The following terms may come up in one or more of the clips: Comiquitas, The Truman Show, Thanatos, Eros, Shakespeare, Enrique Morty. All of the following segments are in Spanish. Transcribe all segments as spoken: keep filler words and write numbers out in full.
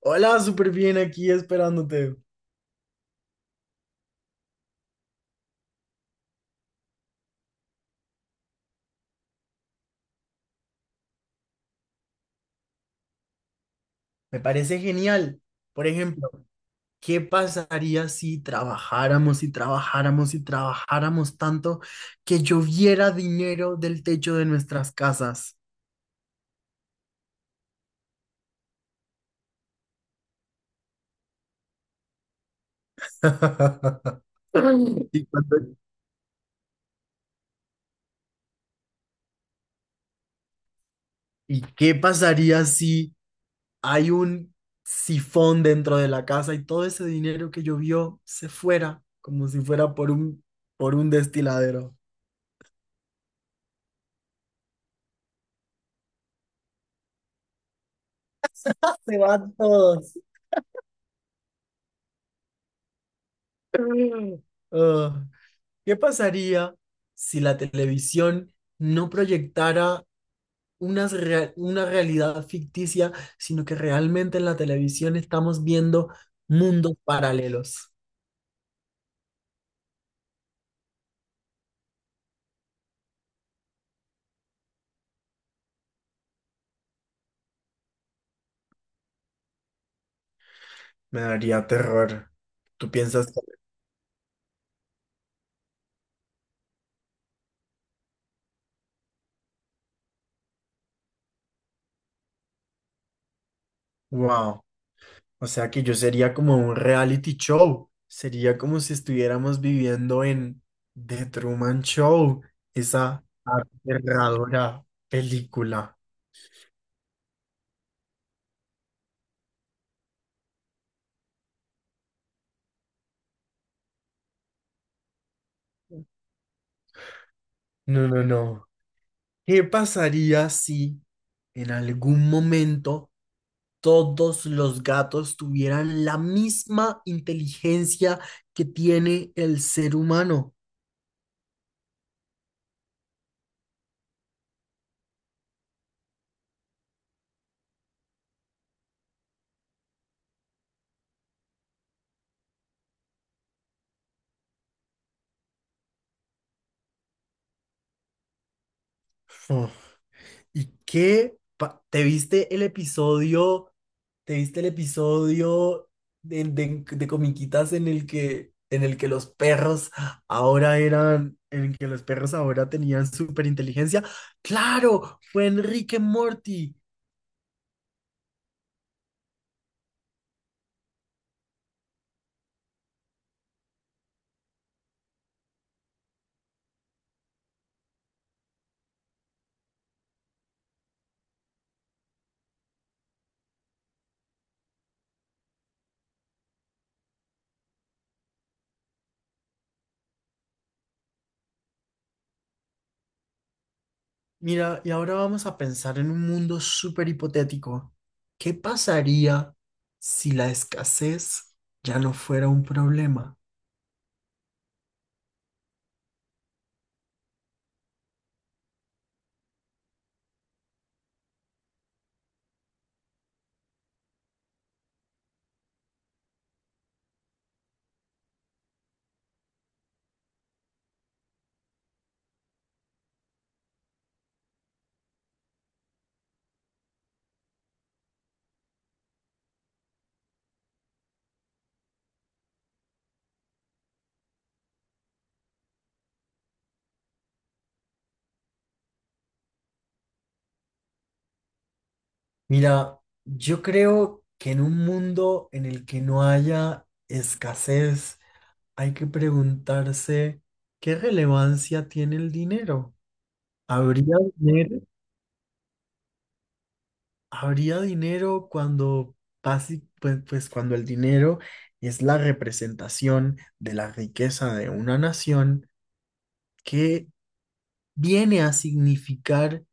Hola, súper bien aquí esperándote. Me parece genial. Por ejemplo, ¿qué pasaría si trabajáramos y trabajáramos y trabajáramos tanto que lloviera dinero del techo de nuestras casas? ¿Y, cuando- y qué pasaría si hay un sifón dentro de la casa y todo ese dinero que llovió se fuera como si fuera por un, por un destiladero? Se van todos. Ah. ¿Qué pasaría si la televisión no proyectara unas rea- una realidad ficticia, sino que realmente en la televisión estamos viendo mundos paralelos? Me daría terror. Tú piensas, wow, o sea que yo sería como un reality show. Sería como si estuviéramos viviendo en The Truman Show, esa aterradora película. No, no, no. ¿Qué pasaría si en algún momento todos los gatos tuvieran la misma inteligencia que tiene el ser humano? Uf. ¿Y qué? pa- ¿Te viste el episodio? ¿Te viste el episodio de, de- de Comiquitas en el que, en el que los perros ahora eran, en el que los perros ahora tenían superinteligencia? ¡Claro! Fue Enrique Morty. Mira, y ahora vamos a pensar en un mundo súper hipotético. ¿Qué pasaría si la escasez ya no fuera un problema? Mira, yo creo que en un mundo en el que no haya escasez, hay que preguntarse qué relevancia tiene el dinero. ¿Habría dinero? ¿Habría dinero cuando, basi- pues, pues cuando el dinero es la representación de la riqueza de una nación, que viene a significar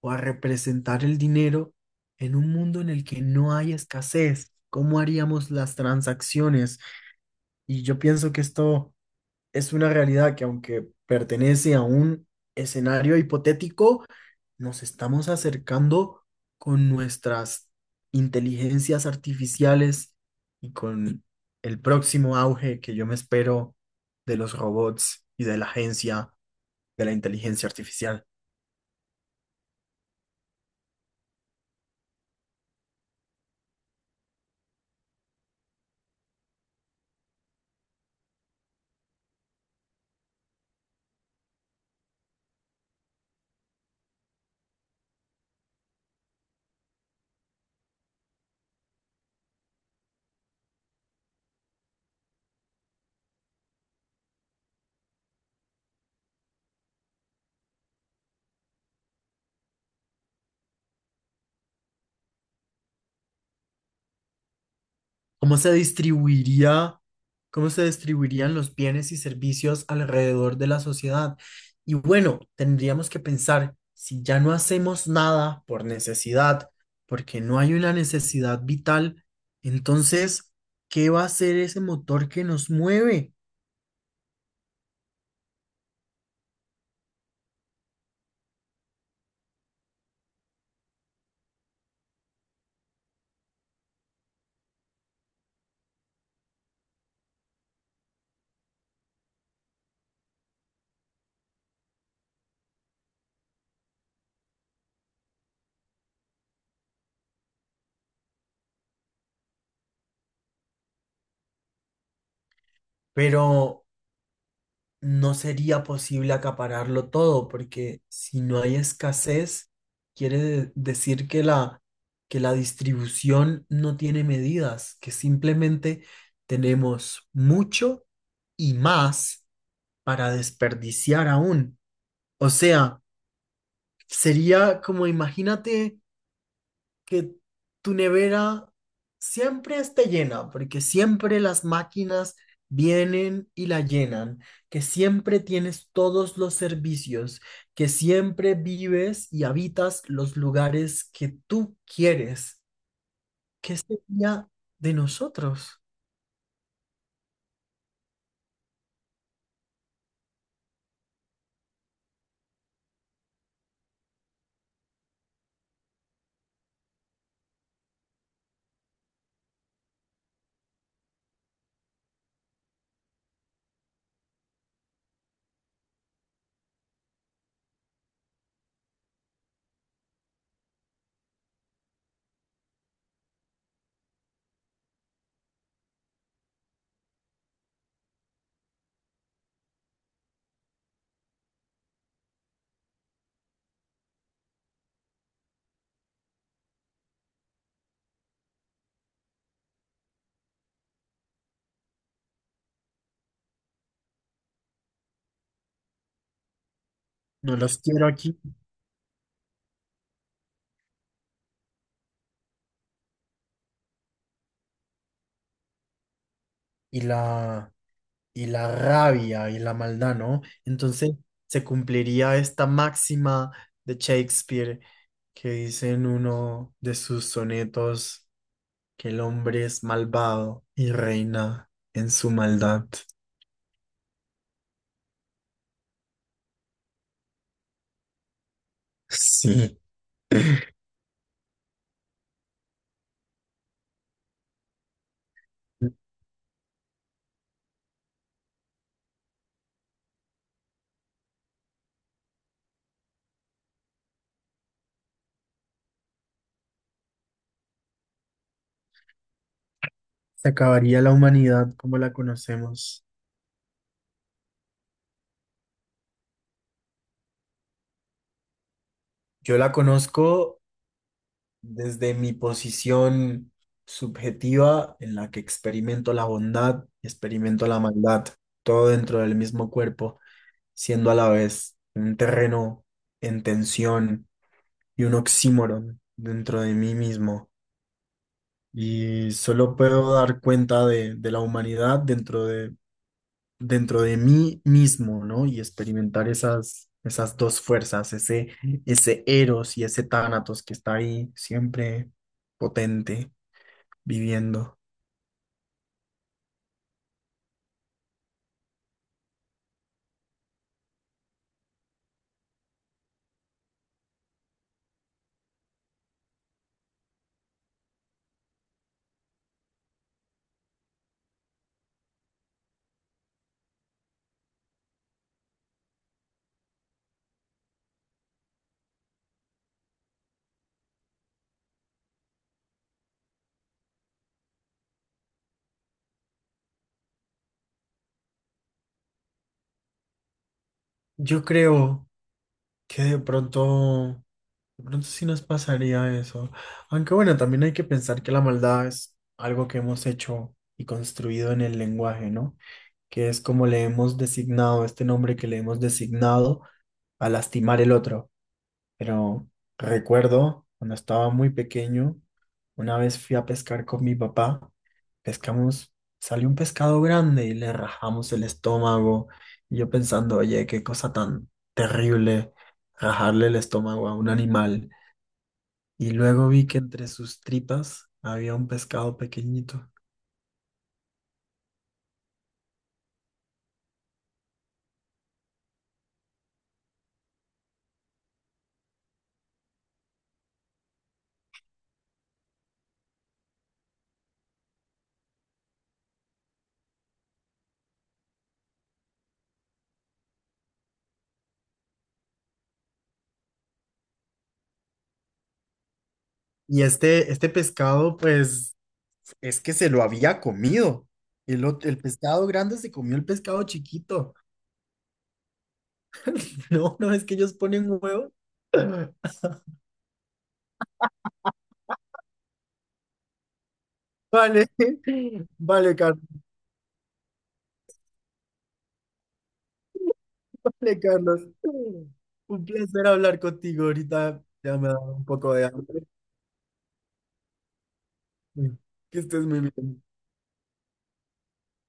o a representar el dinero en un mundo en el que no hay escasez? ¿Cómo haríamos las transacciones? Y yo pienso que esto es una realidad que, aunque pertenece a un escenario hipotético, nos estamos acercando con nuestras inteligencias artificiales y con el próximo auge que yo me espero de los robots y de la agencia de la inteligencia artificial. ¿Cómo se distribuiría? ¿Cómo se distribuirían los bienes y servicios alrededor de la sociedad? Y bueno, tendríamos que pensar, si ya no hacemos nada por necesidad, porque no hay una necesidad vital, entonces, ¿qué va a ser ese motor que nos mueve? Pero no sería posible acapararlo todo, porque si no hay escasez, quiere de- decir que la, que la distribución no tiene medidas, que simplemente tenemos mucho y más para desperdiciar aún. O sea, sería como, imagínate que tu nevera siempre esté llena, porque siempre las máquinas vienen y la llenan, que siempre tienes todos los servicios, que siempre vives y habitas los lugares que tú quieres. ¿Qué sería de nosotros? No los quiero aquí. Y la, y la rabia y la maldad, ¿no? Entonces se cumpliría esta máxima de Shakespeare, que dice en uno de sus sonetos, que el hombre es malvado y reina en su maldad. Sí. Se acabaría la humanidad como la conocemos. Yo la conozco desde mi posición subjetiva, en la que experimento la bondad y experimento la maldad, todo dentro del mismo cuerpo, siendo a la vez un terreno en tensión y un oxímoron dentro de mí mismo. Y solo puedo dar cuenta de, de la humanidad dentro de, dentro de mí mismo, ¿no? Y experimentar esas, esas dos fuerzas, ese, ese Eros y ese Tánatos que está ahí siempre potente, viviendo. Yo creo que de pronto de pronto sí nos pasaría eso. Aunque bueno, también hay que pensar que la maldad es algo que hemos hecho y construido en el lenguaje, ¿no? Que es como le hemos designado, este nombre que le hemos designado a lastimar el otro. Pero recuerdo cuando estaba muy pequeño, una vez fui a pescar con mi papá, pescamos, salió un pescado grande y le rajamos el estómago. Y yo pensando, oye, qué cosa tan terrible rajarle el estómago a un animal. Y luego vi que entre sus tripas había un pescado pequeñito. Y este, este pescado, pues, es que se lo había comido. El, ot- el pescado grande se comió el pescado chiquito. No, no, es que ellos ponen un huevo. Vale, vale, Carlos, vale, Carlos. Un placer hablar contigo ahorita. Ya me da un poco de hambre. Que estés muy bien.